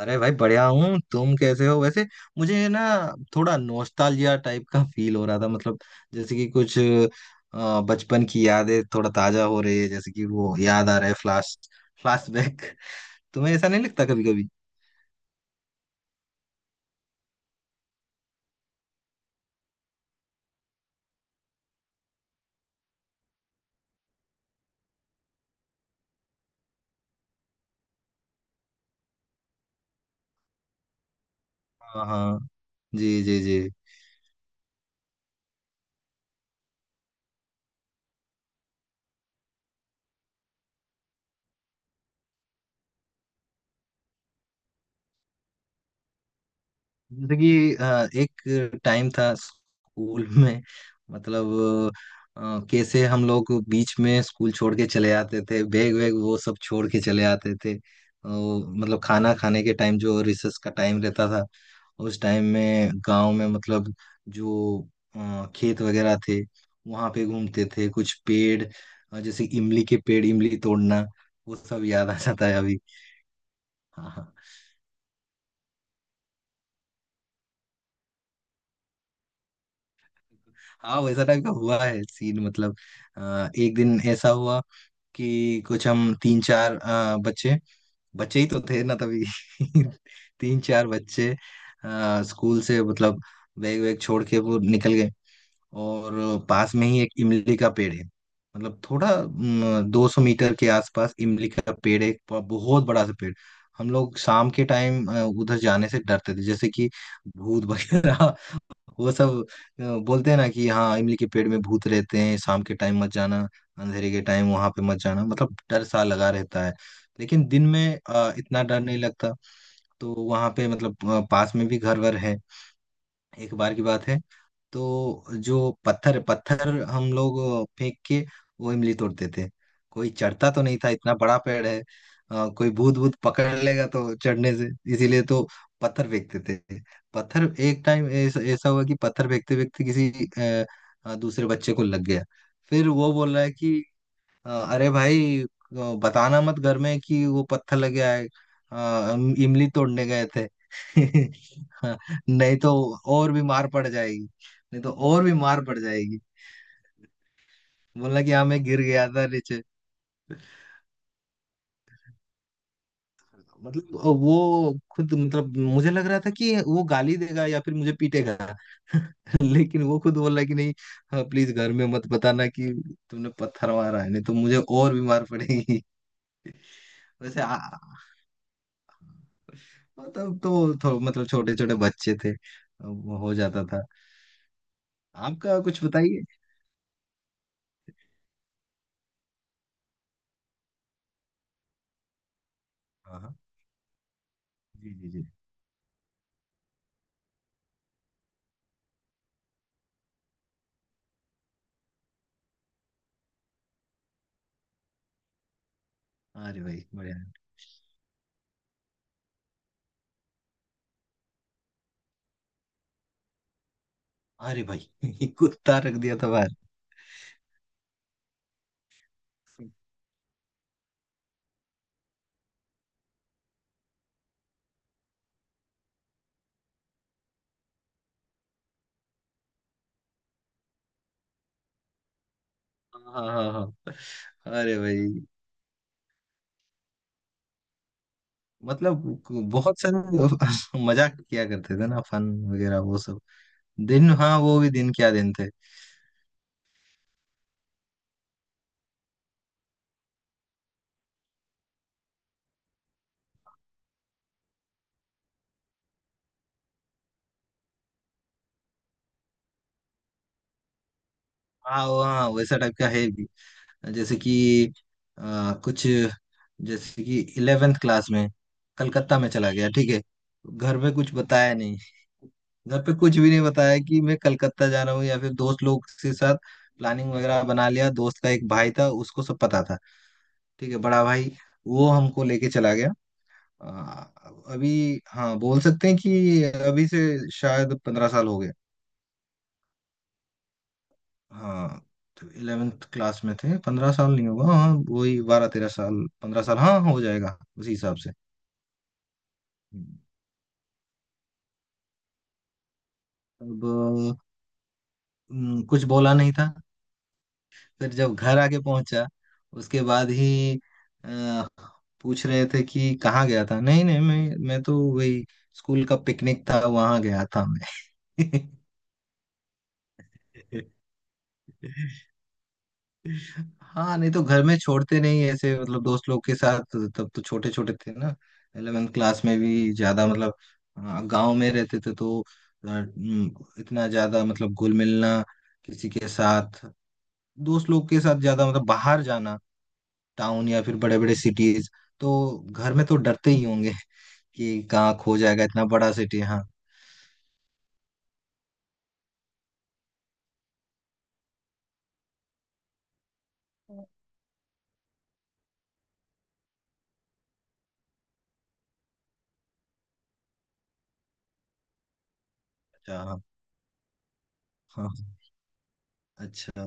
अरे भाई बढ़िया हूँ। तुम कैसे हो वैसे। मुझे ना थोड़ा नोस्टाल्जिया टाइप का फील हो रहा था मतलब। जैसे कि कुछ बचपन की यादें थोड़ा ताजा हो रही है, जैसे कि वो याद आ रहा है, फ्लैशबैक। तुम्हें ऐसा नहीं लगता कभी कभी? हाँ, हाँ। जी, जी, जी। जैसे कि एक टाइम था स्कूल में, मतलब अ, कैसे हम लोग बीच में स्कूल छोड़ के चले आते थे, बैग वैग वो सब छोड़ के चले आते थे। मतलब खाना खाने के टाइम जो रिसेस का टाइम रहता था, उस टाइम में गांव में, मतलब जो खेत वगैरह थे, वहां पे घूमते थे। कुछ पेड़, जैसे इमली के पेड़, इमली तोड़ना, वो सब याद आ जाता है अभी। हाँ, हाँ। हाँ, वैसा टाइप का हुआ है सीन। मतलब एक दिन ऐसा हुआ कि कुछ हम तीन चार बच्चे, बच्चे ही तो थे ना तभी। तीन चार बच्चे स्कूल से, मतलब बैग वैग छोड़ के वो निकल गए। और पास में ही एक इमली का पेड़ है, मतलब थोड़ा 200 मीटर के आसपास इमली का पेड़ है, एक बहुत बड़ा सा पेड़। हम लोग शाम के टाइम उधर जाने से डरते थे, जैसे कि भूत वगैरह वो सब। बोलते हैं ना कि हाँ, इमली के पेड़ में भूत रहते हैं, शाम के टाइम मत जाना, अंधेरे के टाइम वहां पे मत जाना, मतलब डर सा लगा रहता है। लेकिन दिन में इतना डर नहीं लगता। तो वहां पे मतलब पास में भी घर वर है। एक बार की बात है, तो जो पत्थर पत्थर हम लोग फेंक के वो इमली तोड़ते थे। कोई चढ़ता तो नहीं था, इतना बड़ा पेड़ है, कोई भूत भूत पकड़ लेगा तो चढ़ने से, इसीलिए तो पत्थर फेंकते थे। पत्थर एक टाइम ऐसा ऐसा हुआ कि पत्थर फेंकते फेंकते किसी अ, दूसरे बच्चे को लग गया। फिर वो बोल रहा है कि अरे भाई, बताना मत घर में कि वो पत्थर लग गया है, इमली तोड़ने गए थे। हाँ। नहीं तो और भी मार पड़ जाएगी, नहीं तो और भी मार पड़ जाएगी। बोला कि हाँ, मैं गिर गया था नीचे। मतलब वो खुद, मतलब मुझे लग रहा था कि वो गाली देगा या फिर मुझे पीटेगा। लेकिन वो खुद बोला कि नहीं, प्लीज घर में मत बताना कि तुमने पत्थर मारा है, नहीं तो मुझे और भी मार पड़ेगी। वैसे मतलब तो मतलब छोटे छोटे बच्चे थे, अब हो जाता था। आपका कुछ बताइए। हाँ, हाँ। जी, जी, जी। अरे भाई बढ़िया। अरे भाई कुत्ता रख दिया था बाहर। हाँ, हाँ, हाँ। अरे भाई मतलब बहुत सारे मजाक किया करते थे ना, फन वगैरह वो सब। दिन, हाँ वो भी दिन, क्या दिन थे। हाँ, वो हाँ वैसा टाइप का है, जैसे कि अ, कुछ, जैसे कि इलेवेंथ क्लास में कलकत्ता में चला गया, ठीक है। घर में कुछ बताया नहीं, घर पे कुछ भी नहीं बताया कि मैं कलकत्ता जा रहा हूँ, या फिर दोस्त लोग के साथ प्लानिंग वगैरह बना लिया। दोस्त का एक भाई था उसको सब पता था, ठीक है, बड़ा भाई, वो हमको लेके चला गया। अ, अभी, हाँ बोल सकते हैं कि अभी से शायद 15 साल हो गए। हाँ, तो इलेवेंथ क्लास में थे, 15 साल नहीं होगा, हाँ वही 12 13 साल, 15 साल हाँ हो जाएगा उसी हिसाब से। हम्म, अब कुछ बोला नहीं था। फिर जब घर आके पहुंचा उसके बाद ही अ, पूछ रहे थे कि कहाँ गया था। नहीं नहीं, मैं तो वही स्कूल का पिकनिक था वहां गया था, मैं। हाँ, नहीं तो घर में छोड़ते नहीं ऐसे, मतलब दोस्त लोग के साथ तब तो छोटे छोटे थे ना। 11th क्लास में भी ज्यादा मतलब गांव में रहते थे तो इतना ज्यादा मतलब घुल मिलना किसी के साथ, दोस्त लोग के साथ ज्यादा मतलब बाहर जाना, टाउन या फिर बड़े बड़े सिटीज, तो घर में तो डरते ही होंगे। कि कहाँ खो जाएगा, इतना बड़ा सिटी, हाँ। अच्छा, हाँ, हाँ, हाँ। अच्छा।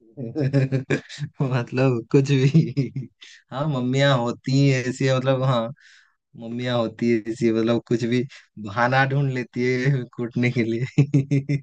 मतलब कुछ भी। हाँ, मम्मियाँ होती है ऐसी, मतलब हाँ, मम्मियाँ होती है ऐसी, मतलब कुछ भी बहाना ढूंढ लेती है कूटने के लिए।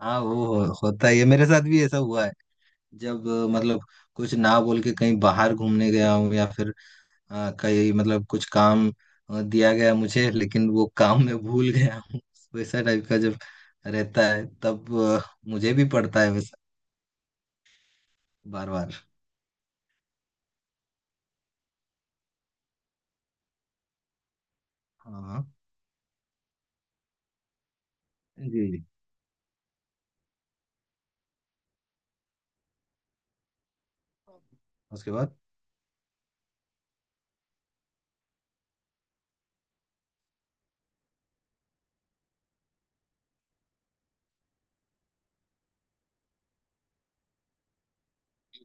हाँ होता ही है, मेरे साथ भी ऐसा हुआ है। जब मतलब कुछ ना बोल के कहीं बाहर घूमने गया हूँ, या फिर हाँ कई मतलब कुछ काम दिया गया मुझे लेकिन वो काम मैं भूल गया हूँ, वैसा टाइप का जब रहता है तब मुझे भी पड़ता है वैसा, बार बार। हाँ जी। उसके बाद,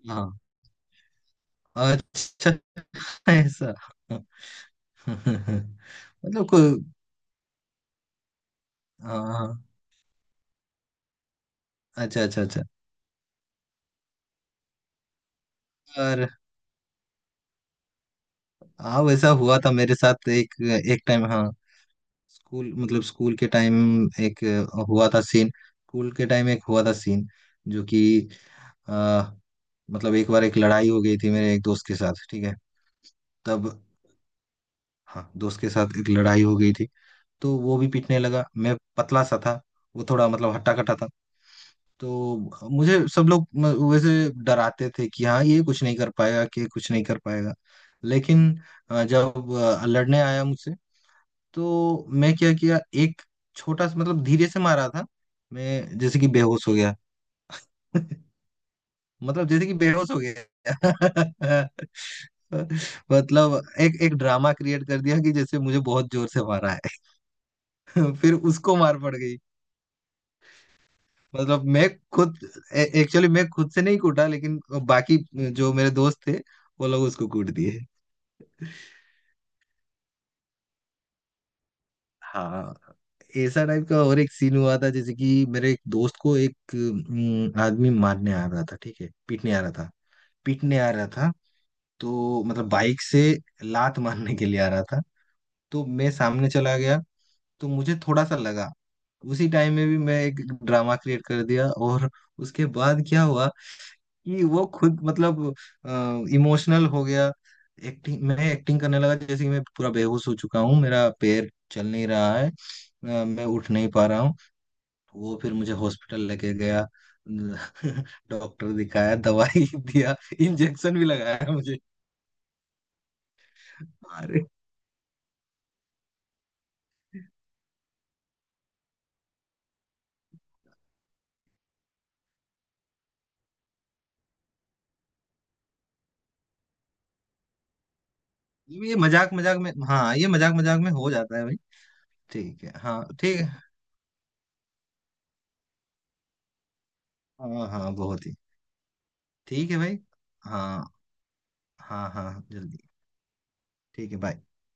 हाँ। अच्छा। ऐसा। मतलब कोई। हाँ, हाँ। अच्छा, अच्छा, अच्छा। और हाँ वैसा हुआ था मेरे साथ एक, एक टाइम हाँ, स्कूल, मतलब स्कूल के टाइम। एक हुआ था सीन, स्कूल के टाइम एक हुआ था सीन जो कि अ, मतलब एक बार एक लड़ाई हो गई थी मेरे एक दोस्त के साथ, ठीक है। तब हाँ, दोस्त के साथ एक लड़ाई हो गई थी, तो वो भी पीटने लगा, मैं पतला सा था, वो थोड़ा मतलब हट्टा कट्टा था। तो मुझे सब लोग वैसे डराते थे कि हाँ, ये कुछ नहीं कर पाएगा, कि ये कुछ नहीं कर पाएगा। लेकिन जब लड़ने आया मुझसे, तो मैं क्या किया, एक छोटा सा मतलब धीरे से मारा था, मैं जैसे कि बेहोश हो गया। मतलब जैसे कि बेहोश हो गया। मतलब एक एक ड्रामा क्रिएट कर दिया कि जैसे मुझे बहुत जोर से मारा है। फिर उसको मार पड़ गई। मतलब मैं खुद, एक्चुअली मैं खुद से नहीं कूटा, लेकिन बाकी जो मेरे दोस्त थे वो लोग उसको कूट दिए। हाँ। ऐसा टाइप का और एक सीन हुआ था, जैसे कि मेरे एक दोस्त को एक आदमी मारने आ रहा था, ठीक है, पीटने आ रहा था। पीटने आ रहा था, तो मतलब बाइक से लात मारने के लिए आ रहा था। तो मैं सामने चला गया, तो मुझे थोड़ा सा लगा, उसी टाइम में भी मैं एक ड्रामा क्रिएट कर दिया। और उसके बाद क्या हुआ कि वो खुद मतलब इमोशनल हो गया। एक्टिंग मैं एक्टिंग करने लगा जैसे कि मैं पूरा बेहोश हो चुका हूँ, मेरा पैर चल नहीं रहा है, मैं उठ नहीं पा रहा हूँ। वो फिर मुझे हॉस्पिटल लेके गया, डॉक्टर दिखाया, दवाई दिया, इंजेक्शन भी लगाया मुझे। अरे ये मजाक मजाक में, हाँ ये मजाक मजाक में हो जाता है भाई। ठीक है, हाँ ठीक है। हाँ, हाँ बहुत ही। ठीक है भाई। हाँ, हाँ, हाँ जल्दी। ठीक है, बाय।